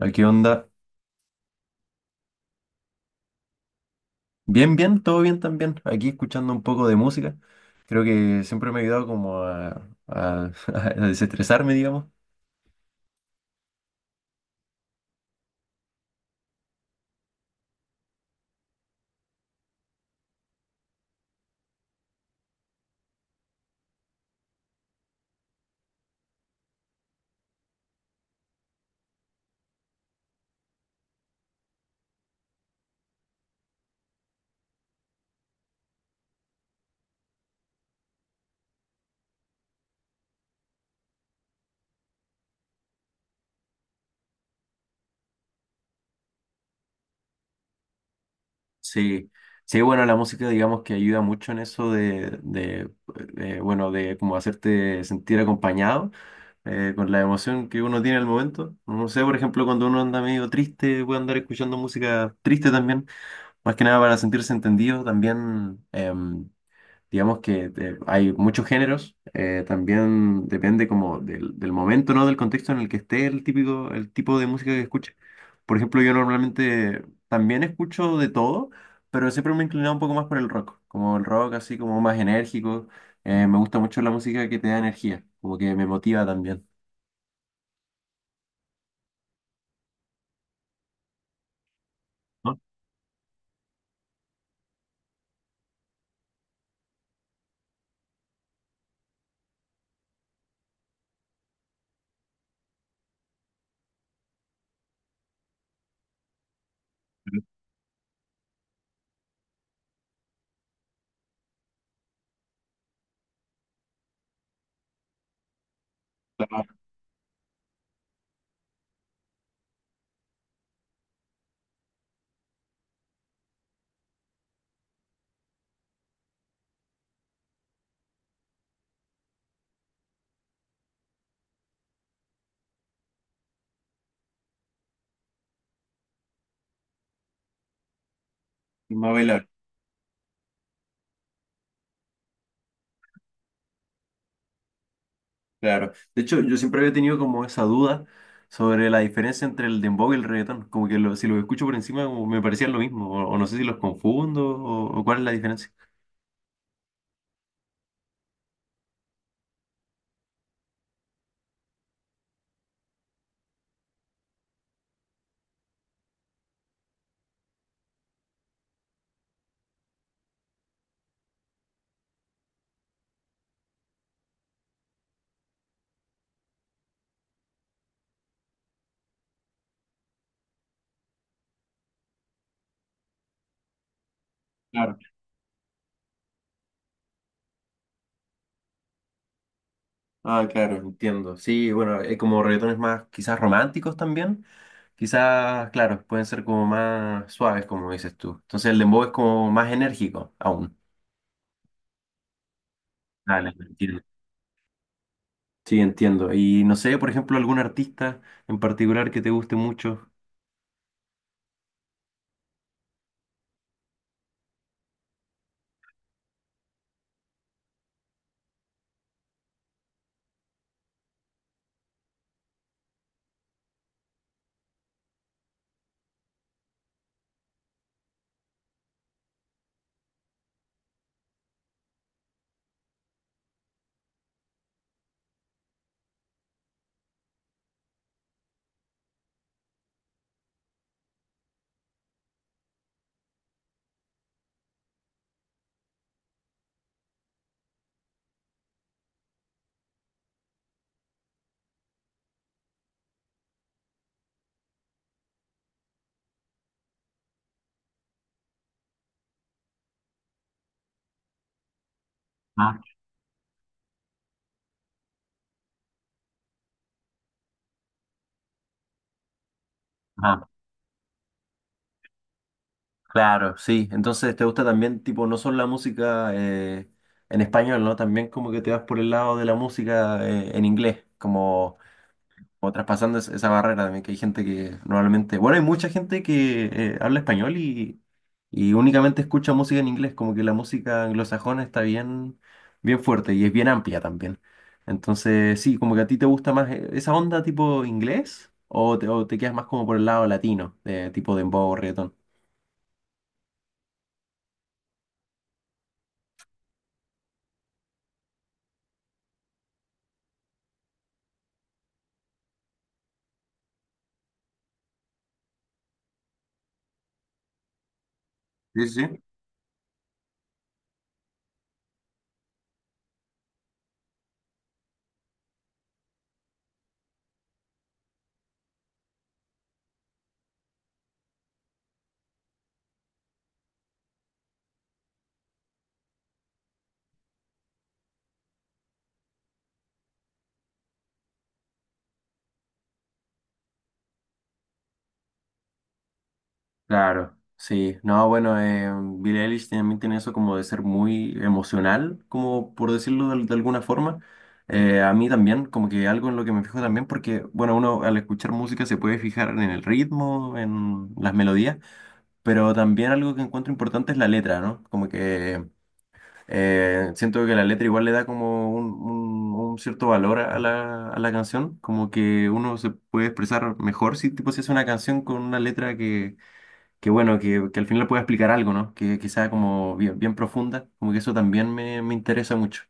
¿A qué onda? Bien, bien, todo bien también. Aquí escuchando un poco de música. Creo que siempre me ha ayudado como a desestresarme, digamos. Sí, sí, bueno, la música digamos que ayuda mucho en eso de como hacerte sentir acompañado. Con la emoción que uno tiene al momento. No sé, por ejemplo, cuando uno anda medio triste, puede andar escuchando música triste también, más que nada para sentirse entendido. Digamos que hay muchos géneros, también depende como del momento, ¿no? Del contexto en el que esté el típico, el tipo de música que escuche. Por ejemplo, yo normalmente también escucho de todo, pero siempre me he inclinado un poco más por el rock, como el rock así como más enérgico. Me gusta mucho la música que te da energía, como que me motiva también. ¿No? Claro, no bailar, claro. De hecho, yo siempre había tenido como esa duda sobre la diferencia entre el dembow y el reggaetón. Como que si los escucho por encima como me parecían lo mismo, o no sé si los confundo, o cuál es la diferencia. Claro. Ah, claro, entiendo. Sí, bueno, como reggaetones más quizás románticos también, quizás, claro, pueden ser como más suaves, como dices tú. Entonces el dembow es como más enérgico aún. Vale, entiendo. Sí, entiendo. Y no sé, por ejemplo, algún artista en particular que te guste mucho. Ah, ah. Claro, sí. Entonces, ¿te gusta también, tipo, no solo la música en español, ¿no? También como que te vas por el lado de la música en inglés, como, como traspasando esa barrera también, que hay gente que normalmente, bueno, hay mucha gente que habla español y únicamente escucha música en inglés, como que la música anglosajona está bien, bien fuerte y es bien amplia también. Entonces, sí, como que a ti te gusta más esa onda tipo inglés o te quedas más como por el lado latino, de tipo dembow, reggaetón. Sí, sí. Claro, sí. No, bueno, Billie Eilish también tiene eso como de ser muy emocional, como por decirlo de alguna forma. A mí también, como que algo en lo que me fijo también, porque, bueno, uno al escuchar música se puede fijar en el ritmo, en las melodías, pero también algo que encuentro importante es la letra, ¿no? Como que siento que la letra igual le da como un cierto valor a a la canción, como que uno se puede expresar mejor si tipo se hace una canción con una letra que bueno que al final pueda explicar algo, ¿no? Que sea como bien, bien profunda, como que eso también me interesa mucho.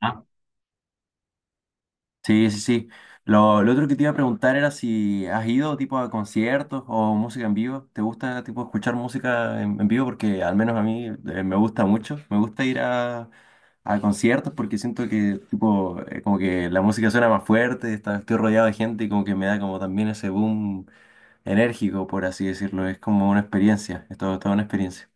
Ah, sí, sí, sí. Lo otro que te iba a preguntar era si has ido tipo a conciertos o música en vivo. ¿Te gusta tipo escuchar música en vivo? Porque al menos a mí me gusta mucho. Me gusta ir a conciertos porque siento que tipo como que la música suena más fuerte, estoy rodeado de gente y como que me da como también ese boom enérgico, por así decirlo. Es como una experiencia, es todo, toda una experiencia.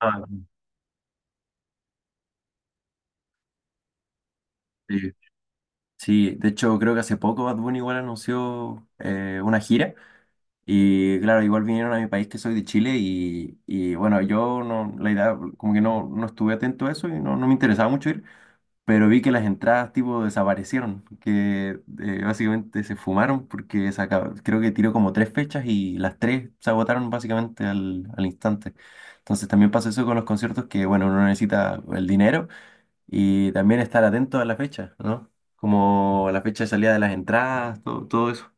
Ah, sí. Sí, de hecho creo que hace poco Bad Bunny igual anunció una gira y claro, igual vinieron a mi país que soy de Chile y, bueno, yo no, la idea, como que no, no estuve atento a eso y no, no me interesaba mucho ir, pero vi que las entradas tipo desaparecieron, que básicamente se fumaron porque creo que tiró como tres fechas y las tres se agotaron básicamente al, al instante. Entonces también pasa eso con los conciertos que bueno, uno necesita el dinero y también estar atento a la fecha, ¿no? Como la fecha de salida de las entradas, todo, todo eso.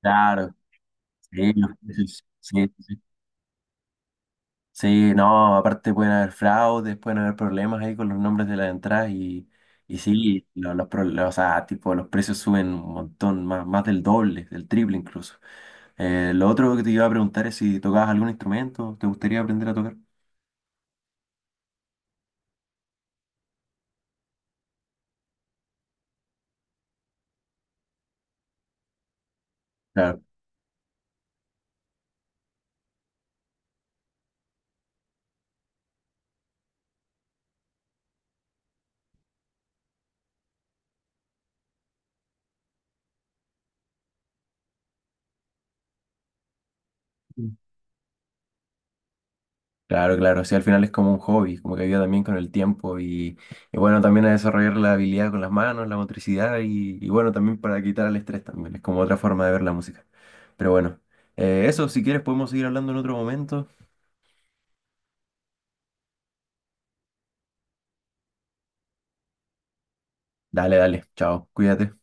Claro, sí, los precios, sí, sí. Sí. Sí, no, aparte pueden haber fraudes, pueden haber problemas ahí con los nombres de las entradas y sí, o sea, tipo, los precios suben un montón, más, más del doble, del triple incluso. Lo otro que te iba a preguntar es si tocabas algún instrumento, ¿te gustaría aprender a tocar? Claro. Claro, claro, sí, al final es como un hobby, como que ayuda también con el tiempo y bueno, también a desarrollar la habilidad con las manos, la motricidad y bueno, también para quitar el estrés también, es como otra forma de ver la música. Pero bueno, eso, si quieres podemos seguir hablando en otro momento. Dale, dale, chao, cuídate.